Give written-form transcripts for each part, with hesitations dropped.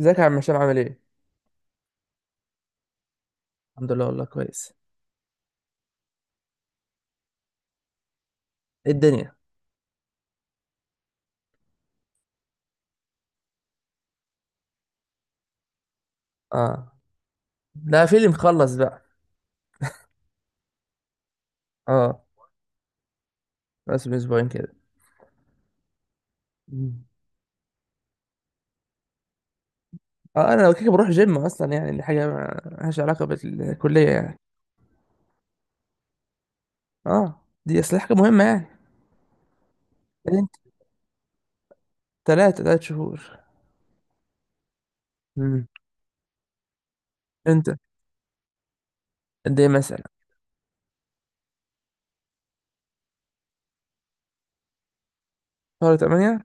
ازيك يا عم هشام، عامل ايه؟ الحمد لله والله كويس. إيه الدنيا؟ اه، ده فيلم مخلص بقى. اه، بس من اسبوعين كده. مم. اه، انا لو كده بروح جيم اصلا، يعني دي حاجه مالهاش علاقه بالكليه يعني. اه، دي اصل حاجه مهمه يعني. يعني انت ثلاث شهور. مم. انت قد ايه مثلا؟ شهر 8.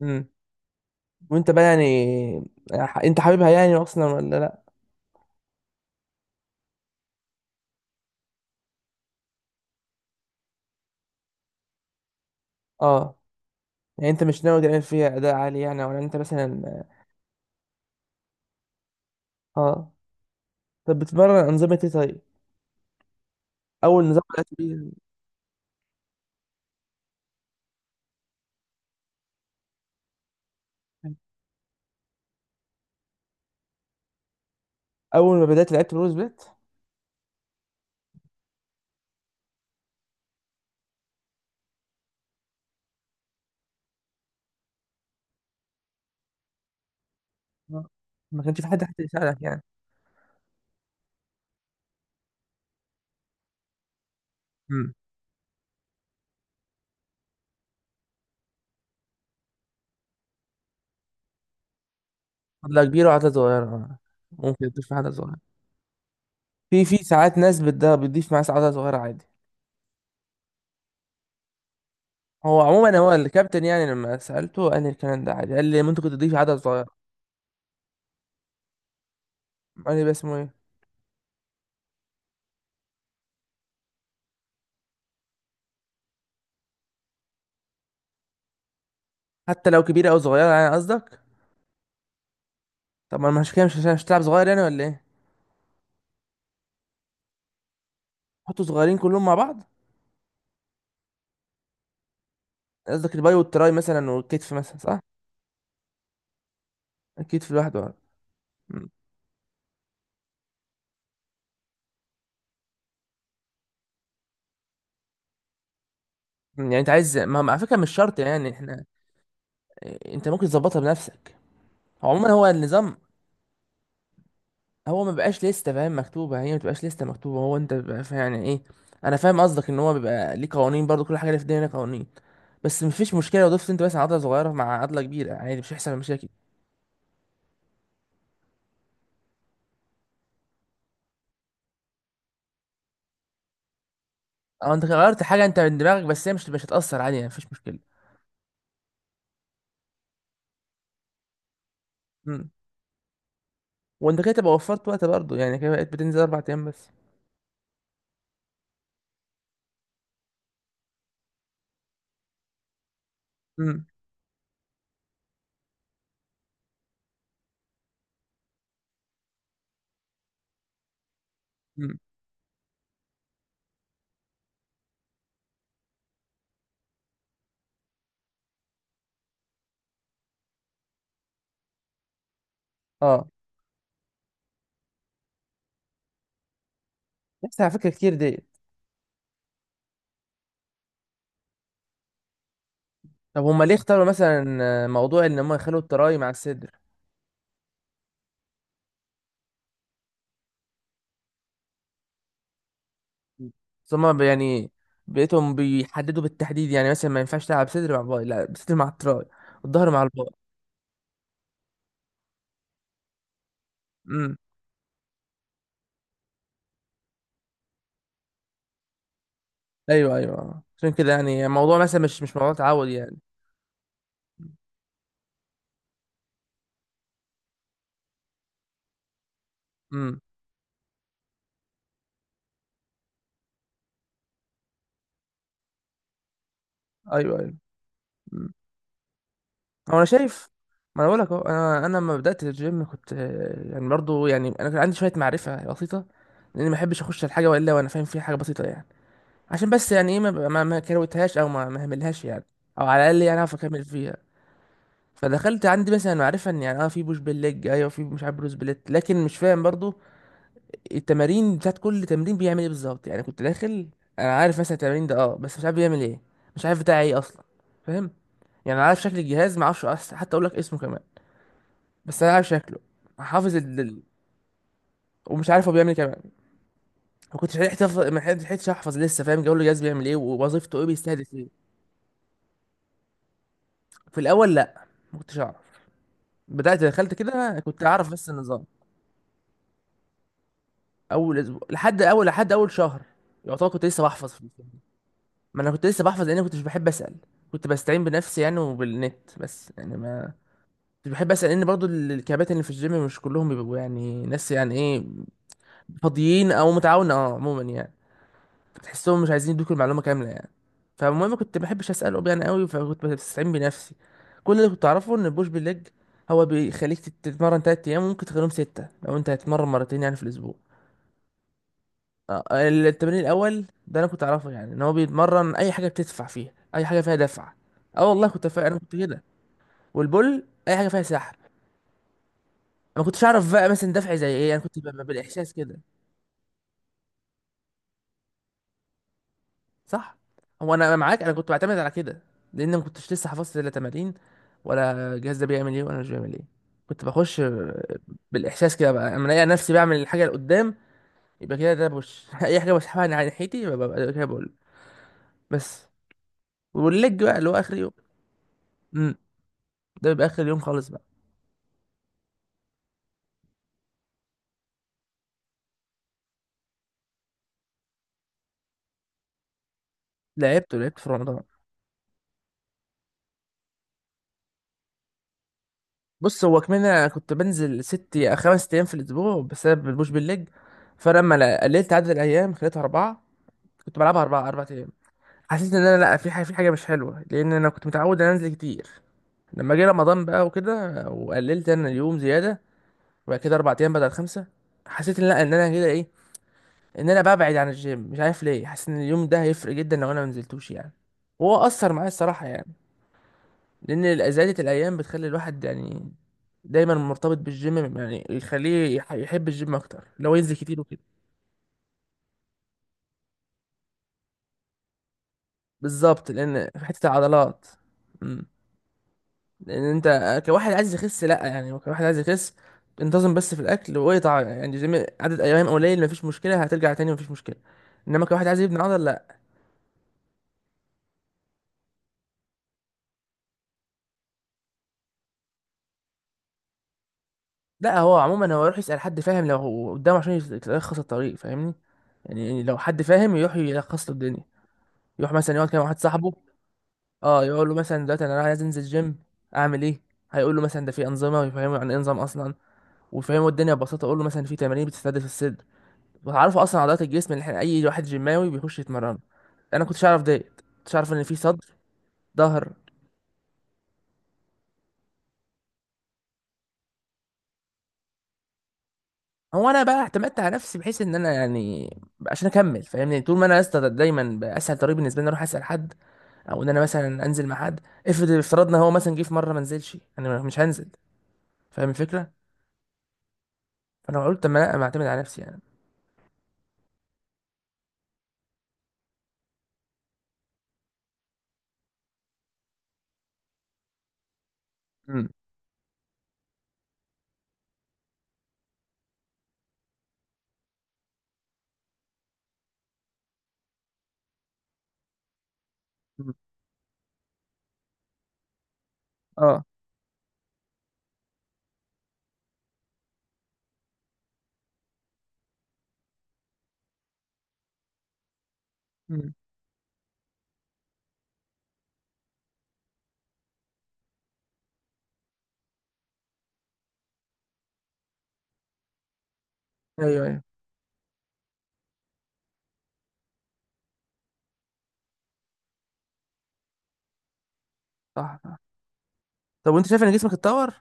امم. وانت بقى يعني، انت حاببها يعني اصلا ولا لا؟ اه، يعني انت مش ناوي تعمل فيها اداء عالي يعني، ولا انت مثلا. اه، طب بتتمرن انظمه ايه طيب؟ اول نظام بدات بيه. اول ما بدات لعبت بروز بيت. آه. ما كانش في حد حتى يساعدك يعني. امم. عدله كبيره وعدله صغيره، آه. ممكن تضيف عدله صغيره. في ساعات ناس بتضيف معاه عدله صغيره عادي. هو عموما هو الكابتن، يعني لما سالته قال لي الكلام ده عادي، قال لي ممكن تضيف عدله صغيره. قال لي بس اسمه ايه. حتى لو كبيره او صغيره يعني قصدك. طب ما أنا مش كده، مش عشان مش هتلعب صغير يعني ولا ايه. حطوا صغيرين كلهم مع بعض. قصدك الباي والتراي مثلا والكتف مثلا، صح. الكتف لوحده، آه. م. يعني انت عايز على فكره مش شرط يعني احنا. إيه، انت ممكن تظبطها بنفسك. عموما هو النظام. هو ما بقاش لسته، فاهم؟ مكتوبه هي ما بتبقاش لسته مكتوبه، هو انت بيبقى يعني ايه. انا فاهم قصدك ان هو بيبقى ليه قوانين، برضو كل حاجه اللي في الدنيا ليها قوانين. بس مفيش مشكله لو ضفت انت بس عضله صغيره مع عضله كبيره، عادي مش هيحصل مشاكل. او انت غيرت حاجه انت من دماغك، بس هي مش هتاثر، عادي يعني، مفيش مشكله. امم. وانت كده تبقى وفرت وقت برضو، يعني كده بقيت بتنزل اربع ايام بس. امم. امم. اه، بس على فكره كتير ديت. طب هما ليه اختاروا مثلا موضوع ان هم يخلوا التراي مع الصدر؟ ثم يعني بقيتهم بيحددوا بالتحديد، يعني مثلا ما ينفعش تلعب صدر مع باي، لا صدر مع التراي والظهر مع الباي. امم. ايوه ايوه، عشان كده يعني الموضوع مثلا مش مش موضوع تعود يعني. امم. ايوه ايوه. امم. هو انا شايف، ما انا بقول لك اهو، انا لما بدات الجيم كنت يعني برضو، يعني انا كان عندي شويه معرفه بسيطه، لاني ما بحبش اخش الحاجه والا وانا فاهم فيها حاجه بسيطه يعني. عشان بس يعني ايه ما كروتهاش او ما هملهاش يعني، او على الاقل يعني اعرف اكمل فيها. فدخلت عندي مثلا معرفه ان يعني اه في بوش بالليج، ايوه في مش عارف بروس بليت، لكن مش فاهم برضو التمارين بتاعت كل تمرين بيعمل ايه بالظبط، يعني كنت داخل انا عارف مثلا التمرين ده، اه بس مش عارف بيعمل ايه، مش عارف بتاع ايه اصلا. فاهم؟ يعني انا عارف شكل الجهاز، ما اعرفش حتى اقول لك اسمه كمان. بس انا عارف شكله، حافظ ومش عارف هو بيعمل ايه كمان. ما لحقتش احفظ لسه، فاهم؟ جو الجهاز بيعمل ايه، ووظيفته ايه، بيستهدف ايه. في الاول لا، ما كنتش اعرف. بدات دخلت كده كنت اعرف بس النظام. اول اسبوع، لحد اول شهر يعتبر كنت لسه بحفظ في البتاع. ما انا كنت لسه بحفظ لان كنت مش بحب اسال، كنت بستعين بنفسي يعني وبالنت، بس يعني ما كنت بحب اسال لان برضو الكباتن اللي في الجيم مش كلهم بيبقوا يعني ناس يعني ايه، فاضيين او متعاونه، اه عموما يعني. فتحسهم مش عايزين يدوك المعلومه كامله يعني. فالمهم كنت ما بحبش اساله يعني قوي، فكنت بستعين بنفسي. كل اللي كنت اعرفه ان البوش بالليج هو بيخليك تتمرن تلات ايام، وممكن تخليهم سته لو انت هتتمرن مرتين يعني في الاسبوع. آه، التمرين الاول ده انا كنت اعرفه، يعني ان هو بيتمرن اي حاجه بتدفع فيها، اي حاجه فيها دفع. اه والله كنت انا كنت كده. والبول اي حاجه فيها سحب، انا ما كنتش اعرف بقى مثلا دفع زي ايه، انا كنت بالاحساس كده. صح، هو انا معاك، انا كنت بعتمد على كده، لان ما كنتش لسه حفظت لا تمارين ولا الجهاز ده بيعمل ايه ولا مش بيعمل ايه. كنت بخش بالاحساس كده بقى، اما الاقي نفسي بعمل الحاجه اللي قدام يبقى كده ده بوش، اي حاجه بسحبها على ناحيتي يبقى ببقى كده بقول. بس والليج بقى اللي هو اخر يوم، ده بيبقى اخر يوم خالص بقى. لعبت في رمضان. بص هو كمان انا كنت بنزل خمس ايام في الاسبوع بسبب البوش بالليج، فلما قللت عدد الايام خليتها اربعه، كنت بلعبها اربع ايام. حسيت ان انا لا، في حاجه مش حلوه، لان انا كنت متعود ان أنا انزل كتير. لما جه رمضان بقى وكده وقللت انا اليوم زياده، وبعد كده اربع ايام بدل خمسه، حسيت ان لا، ان انا كده ايه، ان انا ببعد عن الجيم، مش عارف ليه حاسس ان اليوم ده هيفرق جدا لو انا ما نزلتوش يعني، وهو اثر معايا الصراحه يعني. لان زيادة الايام بتخلي الواحد يعني دايما مرتبط بالجيم، يعني يخليه يحب الجيم اكتر لو ينزل كتير وكده. بالظبط، لان في حته العضلات. مم. لان انت كواحد عايز يخس لا، يعني كواحد عايز يخس انتظم بس في الاكل، واقطع يعني جيم عدد ايام قليل مفيش مشكله، هترجع تاني مفيش مشكله. انما كواحد عايز يبني عضل، لا. لا، هو عموما هو يروح يسال حد فاهم لو هو قدامه، عشان يلخص الطريق، فاهمني؟ يعني لو حد فاهم يروح يلخص له الدنيا، يروح مثلا يقعد كده مع واحد صاحبه. اه، يقول له مثلا دلوقتي انا عايز انزل جيم، اعمل ايه؟ هيقول له مثلا ده في انظمه، ويفهمه يعني ايه نظام اصلا، ويفهمه الدنيا ببساطه، اقول له مثلا في تمارين بتستهدف الصدر، وتعرفوا اصلا عضلات الجسم اللي احنا اي واحد جيماوي بيخش يتمرن. انا كنتش اعرف ديت، كنتش اعرف ان في صدر، ظهر. هو انا بقى اعتمدت على نفسي بحيث ان انا يعني عشان اكمل، فاهمني؟ طول ما انا يا اسطى، دايما بقى اسهل طريق بالنسبه لي إن أنا اروح اسال حد، او ان انا مثلا انزل مع حد. افترضنا هو مثلا جه في مره ما نزلش، انا مش هنزل، فاهم الفكره؟ فانا قلت طب ما انا معتمد على نفسي يعني. مم. اه. مم. ايوه ايوه. صح صح. طب وانت شايف ان جسمك اتطور؟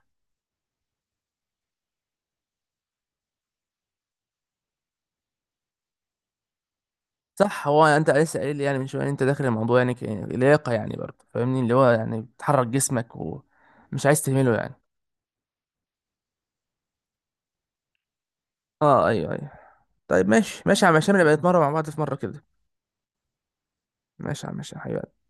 صح، هو انت لسه قايل لي يعني من شويه إن انت داخل الموضوع يعني لياقه يعني، برضه فاهمني اللي هو يعني بتحرك جسمك ومش عايز تهمله يعني. اه ايوه ايوه. طيب ماشي ماشي يا عم هشام، نبقى نتمرن مع بعض في مره كده. ماشي يا عم هشام حبيبي.